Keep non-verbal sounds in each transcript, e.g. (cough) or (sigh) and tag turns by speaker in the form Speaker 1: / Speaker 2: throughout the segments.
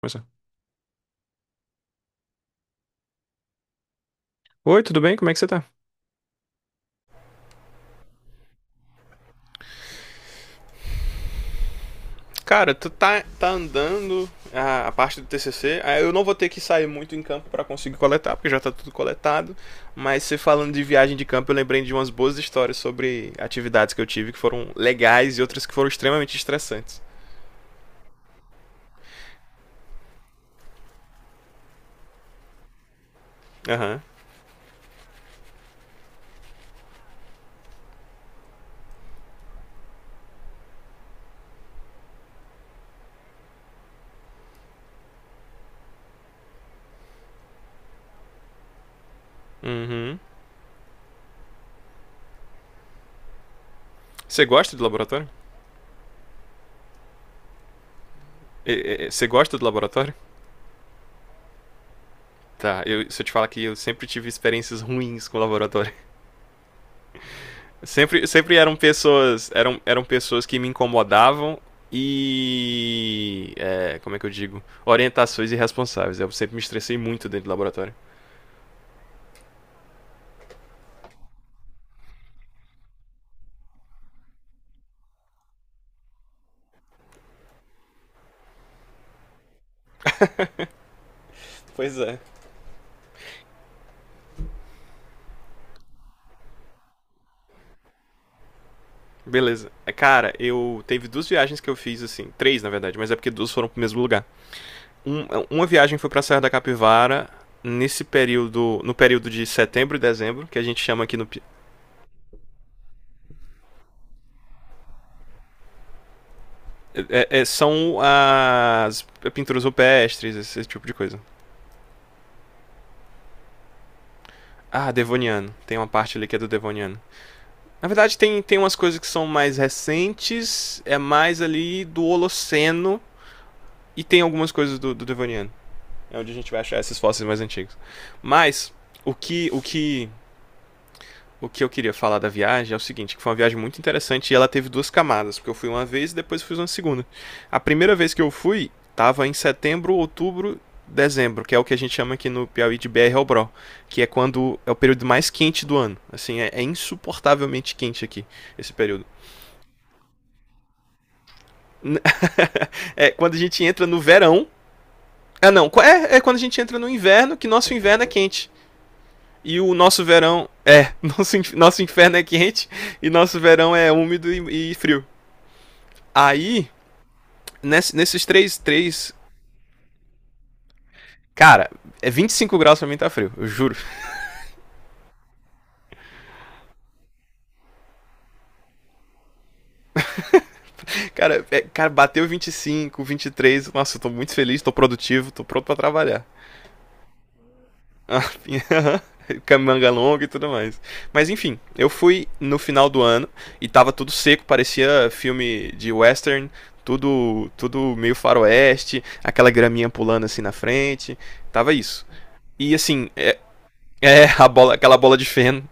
Speaker 1: Começar. Oi, tudo bem? Como é que você tá? Cara, tu tá andando a parte do TCC. Eu não vou ter que sair muito em campo pra conseguir coletar, porque já tá tudo coletado. Mas você falando de viagem de campo, eu lembrei de umas boas histórias sobre atividades que eu tive que foram legais e outras que foram extremamente estressantes. Aham. Uhum. Você gosta de laboratório? Você gosta do laboratório? Tá, se eu te falar que eu sempre tive experiências ruins com o laboratório. Sempre eram pessoas. Eram pessoas que me incomodavam como é que eu digo? Orientações irresponsáveis. Eu sempre me estressei muito dentro do laboratório. Pois é. Beleza. É, Cara, eu. Teve duas viagens que eu fiz, assim. Três, na verdade, mas é porque duas foram pro mesmo lugar. Uma viagem foi pra Serra da Capivara. Nesse período. No período de setembro e dezembro, que a gente chama aqui no. São as pinturas rupestres, esse tipo de coisa. Ah, Devoniano. Tem uma parte ali que é do Devoniano. Na verdade, tem umas coisas que são mais recentes, é mais ali do Holoceno, e tem algumas coisas do Devoniano. É onde a gente vai achar esses fósseis mais antigos. Mas, o que, o que o que eu queria falar da viagem é o seguinte, que foi uma viagem muito interessante e ela teve duas camadas, porque eu fui uma vez e depois fui uma segunda. A primeira vez que eu fui estava em setembro, outubro, dezembro, que é o que a gente chama aqui no Piauí de BR ao Bro, que é quando é o período mais quente do ano. Assim, é insuportavelmente quente aqui esse período. É quando a gente entra no verão. Ah, não. É quando a gente entra no inverno, que nosso inverno é quente. E o nosso verão. (laughs) É, nosso inferno é quente e nosso verão é úmido e frio. Aí, nesses três. Cara, é 25 graus pra mim tá frio, eu juro. Cara, bateu 25, 23. Nossa, eu tô muito feliz, tô produtivo, tô pronto pra trabalhar. A pinha- (laughs) Camanga longa e tudo mais. Mas enfim, eu fui no final do ano e tava tudo seco, parecia filme de western, tudo meio faroeste, aquela graminha pulando assim na frente, tava isso. E assim, é a bola, aquela bola de feno.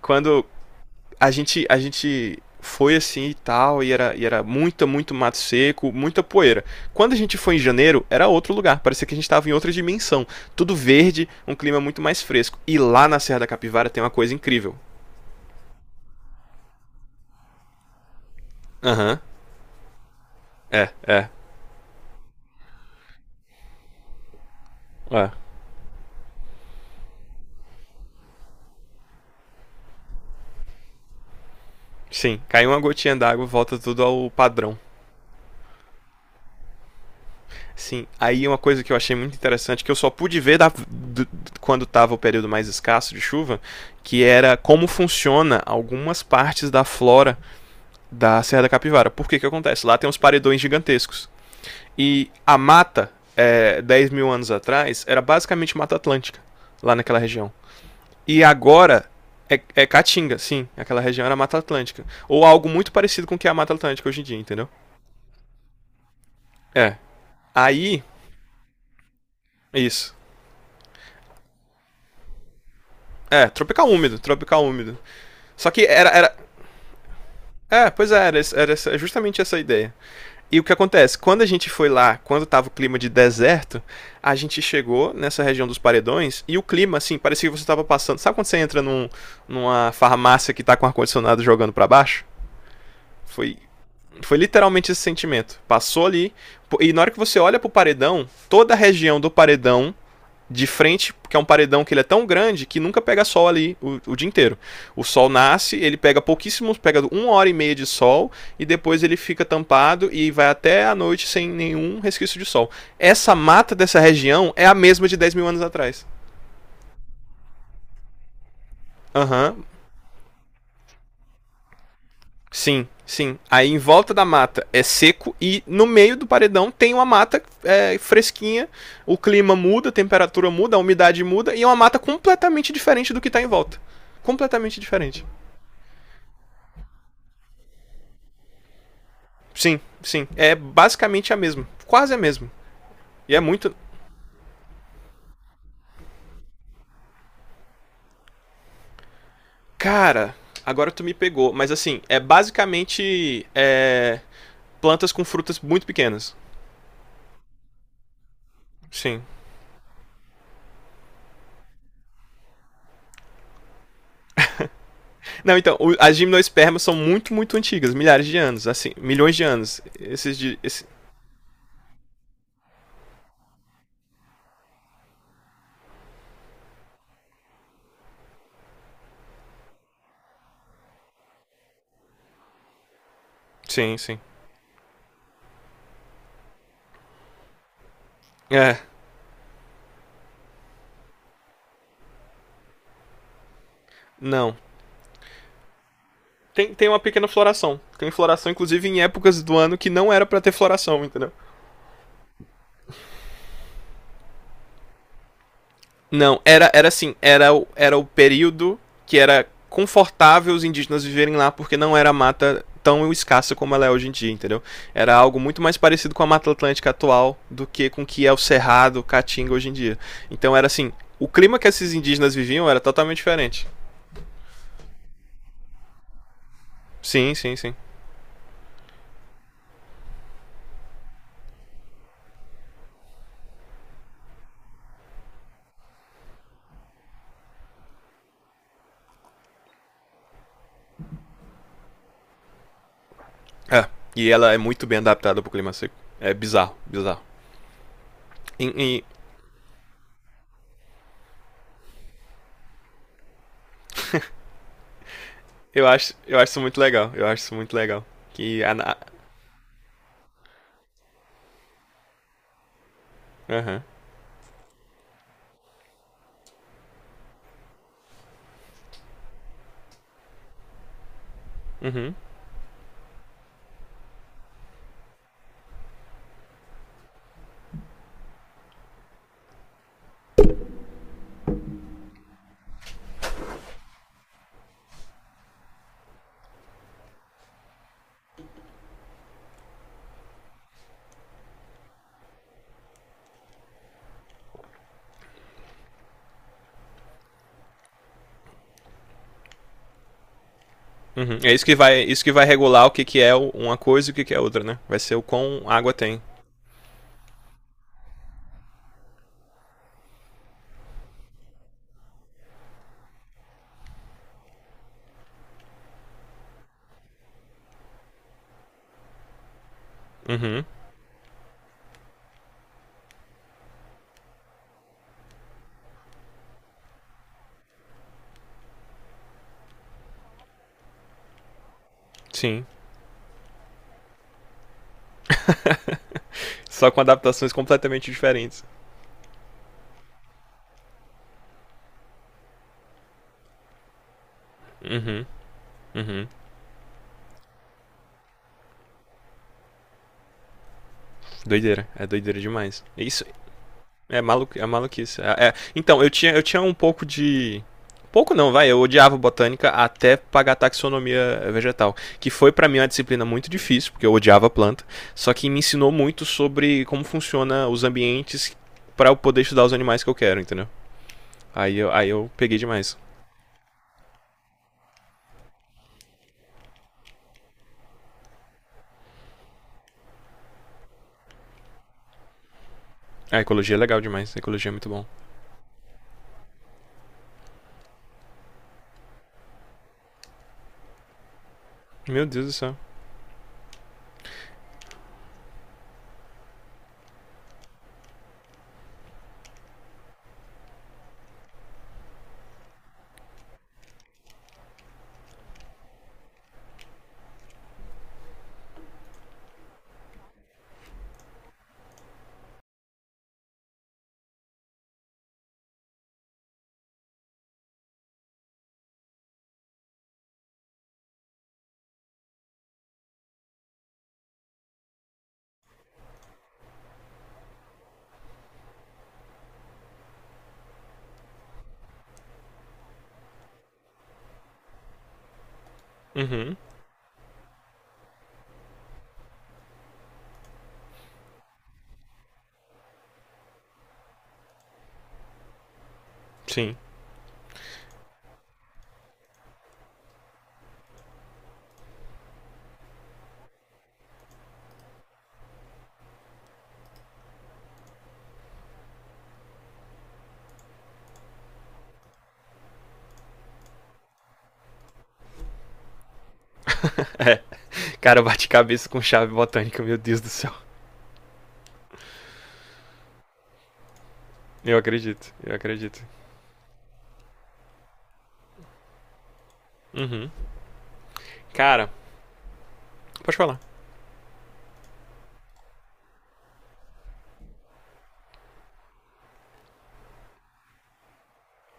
Speaker 1: Quando, a gente foi assim e tal, e era muito mato seco, muita poeira. Quando a gente foi em janeiro, era outro lugar, parecia que a gente estava em outra dimensão. Tudo verde, um clima muito mais fresco. E lá na Serra da Capivara tem uma coisa incrível. Aham, uhum. É, é, é. Sim, caiu uma gotinha d'água, volta tudo ao padrão. Sim, aí uma coisa que eu achei muito interessante, que eu só pude ver quando estava o período mais escasso de chuva, que era como funciona algumas partes da flora da Serra da Capivara. Por que que acontece? Lá tem uns paredões gigantescos. E a mata, 10 mil anos atrás, era basicamente Mata Atlântica, lá naquela região. E agora é Caatinga, sim. Aquela região era Mata Atlântica. Ou algo muito parecido com o que é a Mata Atlântica hoje em dia, entendeu? É. Aí, isso. É, tropical úmido, tropical úmido. Só que, pois é, era justamente essa ideia. E o que acontece? Quando a gente foi lá, quando estava o clima de deserto, a gente chegou nessa região dos paredões e o clima, assim, parecia que você estava passando. Sabe quando você entra numa farmácia que está com ar-condicionado jogando para baixo? Foi, foi literalmente esse sentimento. Passou ali, e na hora que você olha pro paredão, toda a região do paredão de frente, porque é um paredão que ele é tão grande que nunca pega sol ali o dia inteiro. O sol nasce, ele pega pouquíssimos, pega uma hora e meia de sol e depois ele fica tampado e vai até a noite sem nenhum resquício de sol. Essa mata dessa região é a mesma de 10 mil anos atrás. Aham, uhum, sim, sim. Aí em volta da mata é seco e no meio do paredão tem uma mata fresquinha, o clima muda, a temperatura muda, a umidade muda e é uma mata completamente diferente do que está em volta. Completamente diferente. Sim, sim. É basicamente a mesma. Quase a mesma. E é muito. Cara, agora tu me pegou. Mas assim, é basicamente plantas com frutas muito pequenas. Sim. Não, então, as gimnospermas são muito, muito antigas, milhares de anos, assim, milhões de anos. Esses de. Esse- Sim, sim. É, não. Tem uma pequena floração. Tem floração, inclusive, em épocas do ano que não era pra ter floração, entendeu? Não, era assim, era o período que era confortável os indígenas viverem lá, porque não era mata tão escassa como ela é hoje em dia, entendeu? Era algo muito mais parecido com a Mata Atlântica atual do que com o que é o Cerrado, o Caatinga hoje em dia. Então era assim, o clima que esses indígenas viviam era totalmente diferente. Sim, sim, sim. É, e ela é muito bem adaptada pro clima seco. É bizarro, bizarro. E eu acho isso muito legal, eu acho isso muito legal. Que a... na- Aham, uhum. Uhum. Uhum. É isso que vai regular o que, que é uma coisa e o que, que é outra, né? Vai ser o quão água tem. Uhum. Sim. Só com adaptações completamente diferentes. Uhum, uhum. Doideira, é doideira demais. Isso é, malu é maluquice. Então, eu tinha um pouco de. Pouco não, vai. Eu odiava botânica até pagar taxonomia vegetal. Que foi pra mim uma disciplina muito difícil, porque eu odiava planta. Só que me ensinou muito sobre como funciona os ambientes pra eu poder estudar os animais que eu quero, entendeu? Aí eu peguei demais. A ecologia é legal demais, a ecologia é muito bom. Meu Deus do céu. Uhum, sim. É, cara, eu bati cabeça com chave botânica, meu Deus do céu. Eu acredito, eu acredito. Uhum. Cara, pode falar.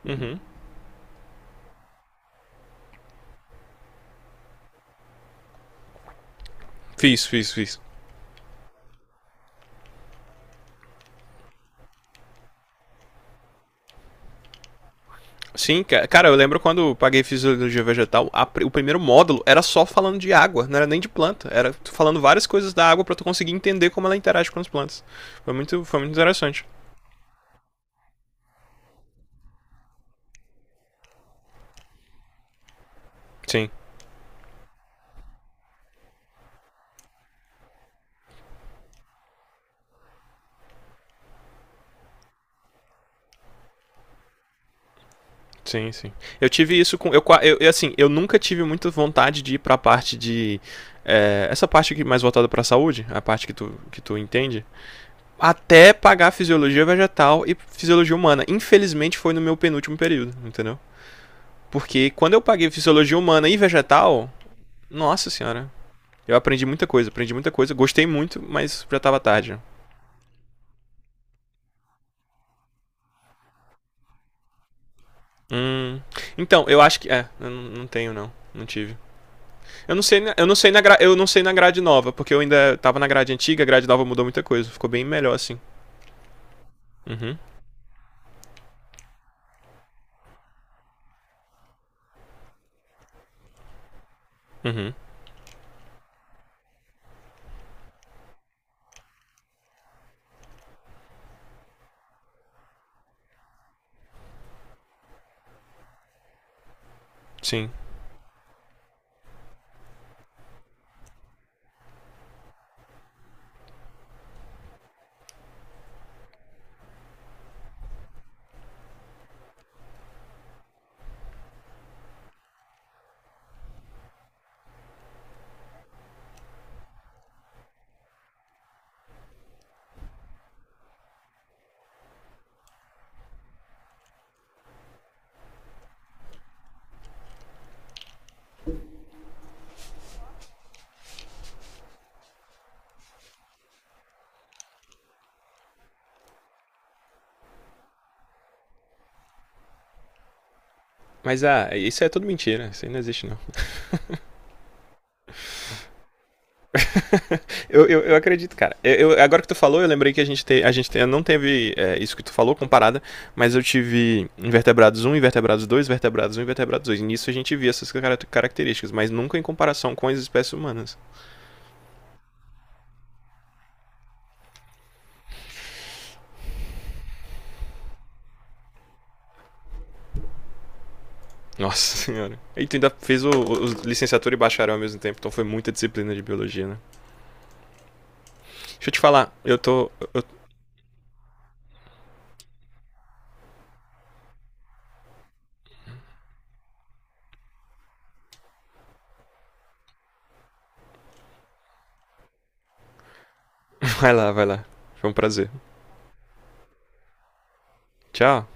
Speaker 1: Uhum. Fiz, fiz, fiz. Sim, cara, eu lembro quando eu paguei fisiologia vegetal, o primeiro módulo era só falando de água, não era nem de planta, era falando várias coisas da água pra tu conseguir entender como ela interage com as plantas. Foi muito interessante. Sim. Sim, sim. Eu tive isso com. Eu, assim, eu nunca tive muita vontade de ir pra parte de. É, essa parte aqui mais voltada pra saúde, a parte que tu entende. Até pagar fisiologia vegetal e fisiologia humana. Infelizmente foi no meu penúltimo período, entendeu? Porque quando eu paguei fisiologia humana e vegetal, nossa senhora. Eu aprendi muita coisa, gostei muito, mas já tava tarde. Hum. Então, eu acho que. É, eu não tenho não. Não tive. Eu não sei na gra- eu não sei na grade nova, porque eu ainda tava na grade antiga, a grade nova mudou muita coisa, ficou bem melhor assim. Uhum. Uhum. Sim. Mas isso é tudo mentira, isso aí não existe não. Eu acredito, cara. Agora que tu falou, eu lembrei que a gente não teve isso que tu falou comparada, mas eu tive invertebrados um, invertebrados 2, vertebrados um, e vertebrados 2. E nisso a gente via essas características, mas nunca em comparação com as espécies humanas. Nossa (laughs) senhora. E tu ainda fez licenciatura e bacharel ao mesmo tempo, então foi muita disciplina de biologia, né? Deixa eu te falar, eu tô. (laughs) Vai lá, vai lá. Foi um prazer. Tchau.